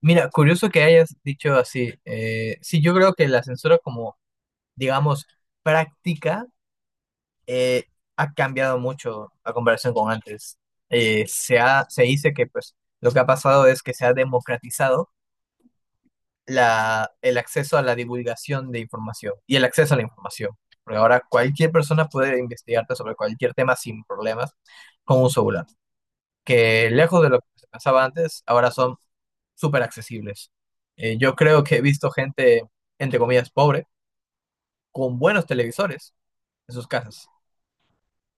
Mira, curioso que hayas dicho así. Sí, yo creo que la censura, como digamos práctica, eh, ha cambiado mucho a comparación con antes. Se dice que pues lo que ha pasado es que se ha democratizado el acceso a la divulgación de información y el acceso a la información. Porque ahora cualquier persona puede investigarte sobre cualquier tema sin problemas con un celular que, lejos de lo que se pasaba antes, ahora son súper accesibles. Yo creo que he visto gente, entre comillas, pobre, con buenos televisores en sus casas.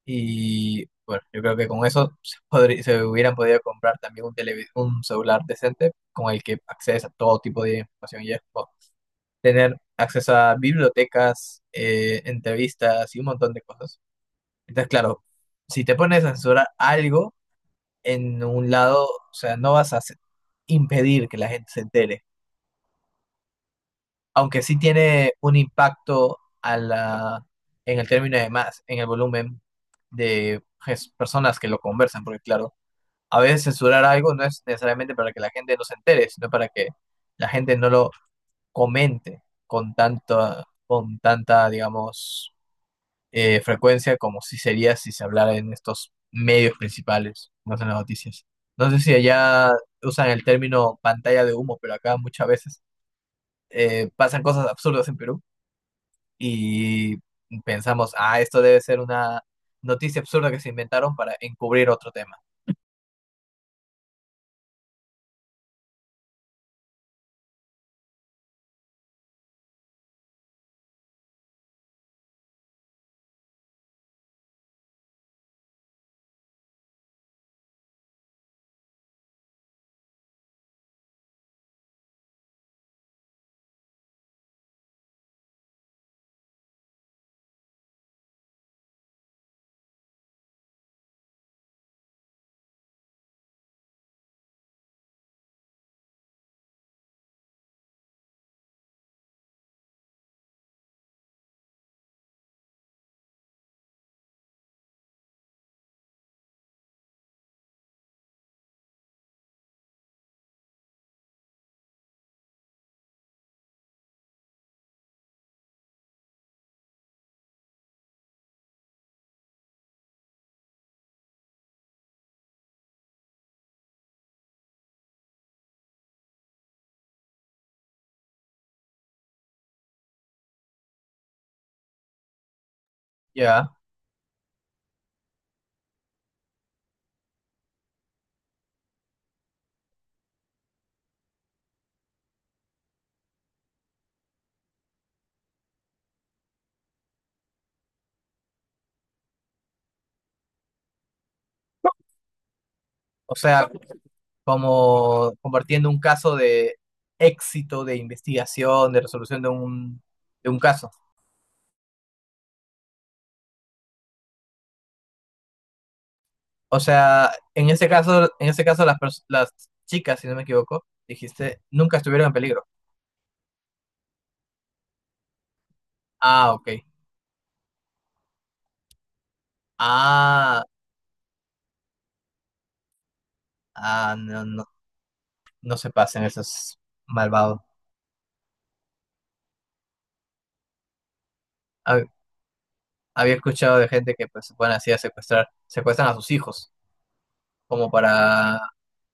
Y bueno, yo creo que con eso se se hubieran podido comprar también un celular decente con el que accedes a todo tipo de información, y es como tener acceso a bibliotecas, entrevistas y un montón de cosas. Entonces, claro, si te pones a censurar algo en un lado, o sea, no vas a hacer- impedir que la gente se entere, aunque sí tiene un impacto a en el término de más, en el volumen de personas que lo conversan, porque claro, a veces censurar algo no es necesariamente para que la gente no se entere, sino para que la gente no lo comente con tanta, digamos, frecuencia como si sería si se hablara en estos medios principales, no en las noticias. No sé si allá usan el término pantalla de humo, pero acá muchas veces pasan cosas absurdas en Perú, y pensamos, ah, esto debe ser una noticia absurda que se inventaron para encubrir otro tema. Ya, o sea, como compartiendo un caso de éxito de investigación, de resolución de de un caso. O sea, en ese caso las, las chicas, si no me equivoco, dijiste, nunca estuvieron en peligro. Ah, ok. Ah, ah, no, no, no se pasen esos malvados. Hab- Había escuchado de gente que pues se ponen así a secuestrar, secuestran a sus hijos, como para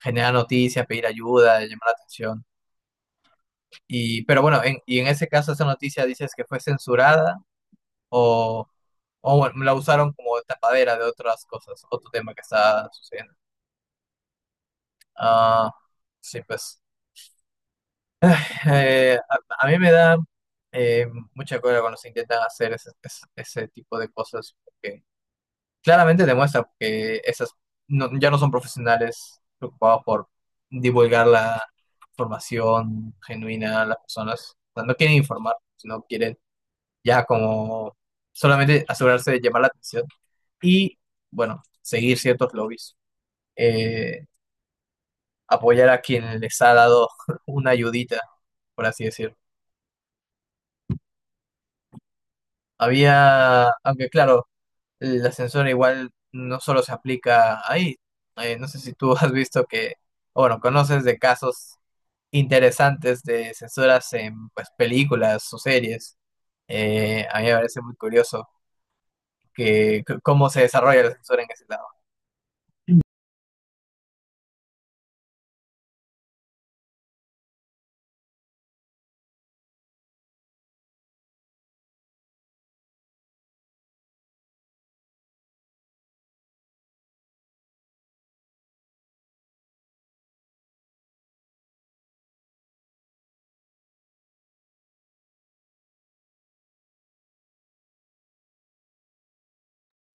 generar noticias, pedir ayuda, llamar la atención. Y pero bueno, y en ese caso esa noticia dices que fue censurada, o, o bueno, la usaron como tapadera de otras cosas, otro tema que está sucediendo. Ah, sí, pues. A mí me da eh, mucha cólera cuando se intentan hacer ese tipo de cosas, porque claramente demuestra que esas ya no son profesionales preocupados por divulgar la información genuina a las personas. O sea, no quieren informar, sino quieren ya como solamente asegurarse de llamar la atención y, bueno, seguir ciertos lobbies. Eh, Apoyar a quien les ha dado una ayudita, por así decirlo. Había, aunque claro, la censura igual no solo se aplica ahí. No sé si tú has visto que, o bueno, conoces de casos interesantes de censuras en pues películas o series. A mí me parece muy curioso cómo se desarrolla la censura en ese lado.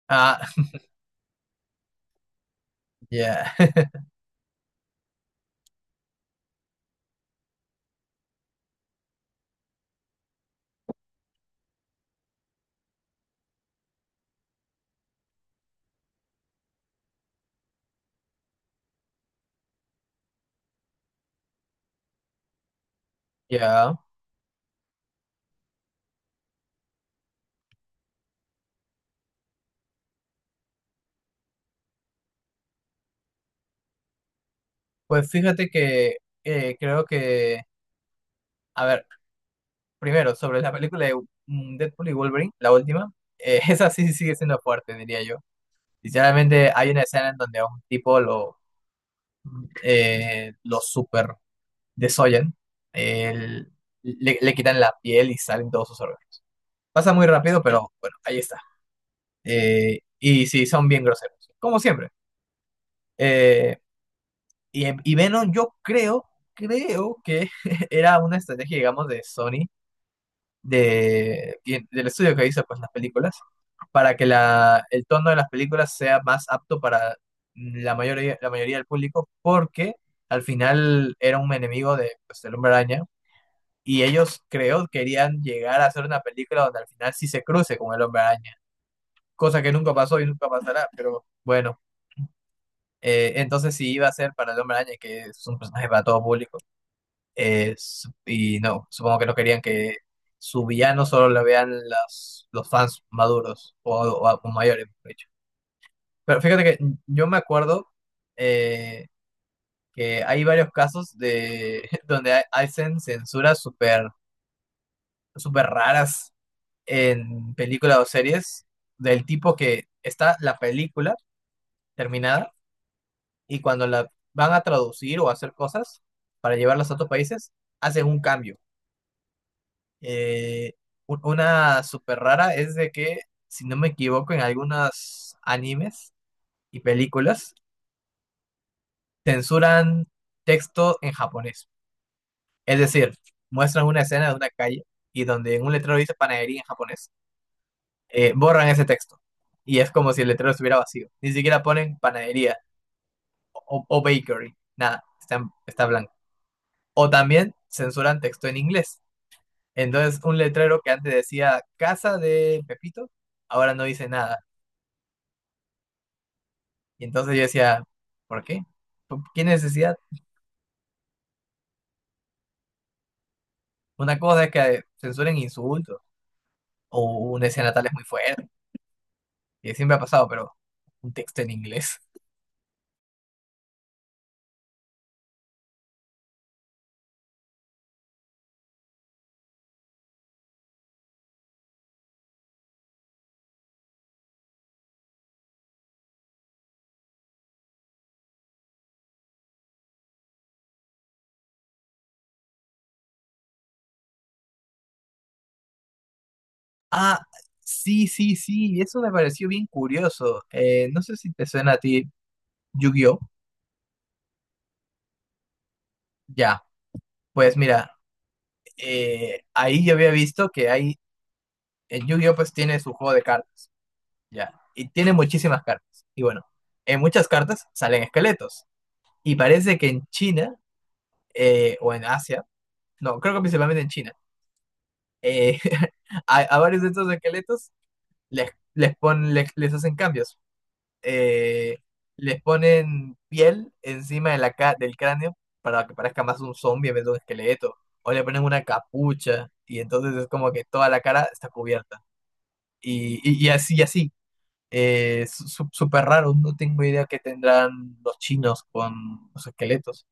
Ah, ya, ya. Pues fíjate que creo que, a ver, primero, sobre la película de Deadpool y Wolverine, la última, esa sí sigue siendo fuerte, diría yo. Sinceramente, hay una escena en donde a un tipo lo super desollan, el- le, quitan la piel y salen todos sus órganos. Pasa muy rápido, pero bueno, ahí está. Y sí, son bien groseros, como siempre. Eh, y, Venom, yo creo, creo que era una estrategia, digamos, de Sony, de, del estudio que hizo pues las películas, para que el tono de las películas sea más apto para la mayoría del público, porque al final era un enemigo de, pues, del Hombre Araña, y ellos creo querían llegar a hacer una película donde al final sí se cruce con el Hombre Araña, cosa que nunca pasó y nunca pasará, pero bueno, entonces sí iba a ser para el Hombre Araña, que es un personaje para todo público. Y no, supongo que no querían que su villano solo lo vean los fans maduros o mayores, mejor dicho. Pero fíjate que yo me acuerdo, eh, que hay varios casos de donde hacen censuras súper súper raras en películas o series, del tipo que está la película terminada y cuando la van a traducir o hacer cosas para llevarlas a otros países, hacen un cambio. Eh, una súper rara es de que, si no me equivoco, en algunos animes y películas censuran texto en japonés. Es decir, muestran una escena de una calle y donde en un letrero dice panadería en japonés, borran ese texto. Y es como si el letrero estuviera vacío. Ni siquiera ponen panadería o bakery. Nada, está blanco. O también censuran texto en inglés. Entonces, un letrero que antes decía casa de Pepito, ahora no dice nada. Y entonces yo decía, ¿por qué? ¿Por ¿Qué necesidad? Una cosa es que censuren insultos o una escena tal es muy fuerte, que siempre ha pasado, pero un texto en inglés. Ah, sí, sí, sí, eso me pareció bien curioso. No sé si te suena a ti Yu-Gi-Oh! Ya, pues mira, ahí yo había visto que hay, el Yu-Gi-Oh! Pues tiene su juego de cartas, ya, y tiene muchísimas cartas. Y bueno, en muchas cartas salen esqueletos. Y parece que en China, o en Asia, no, creo que principalmente en China, eh, a varios de estos esqueletos les, hacen cambios. Eh, Les ponen piel encima de la, del cráneo para que parezca más un zombie en vez de un esqueleto. O le ponen una capucha y entonces es como que toda la cara está cubierta. Y, así, y así. Súper raro, no tengo idea qué tendrán los chinos con los esqueletos.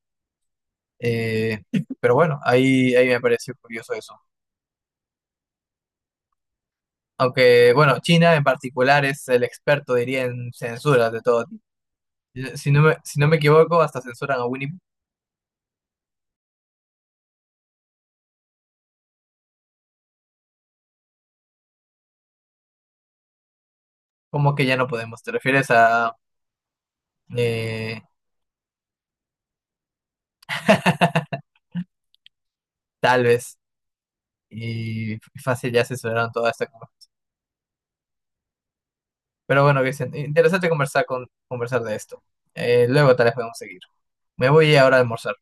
Eh, pero bueno, ahí, me pareció curioso eso. Aunque, bueno, China en particular es el experto, diría, en censuras de todo tipo. Si no me equivoco, hasta censuran a Winnie. ¿Cómo que ya no podemos? ¿Te refieres a, eh, tal vez? Y fácil, ya censuraron toda esta cosa. Pero bueno, Vicente, interesante conversar, conversar de esto. Luego tal vez podemos seguir. Me voy ahora a almorzar.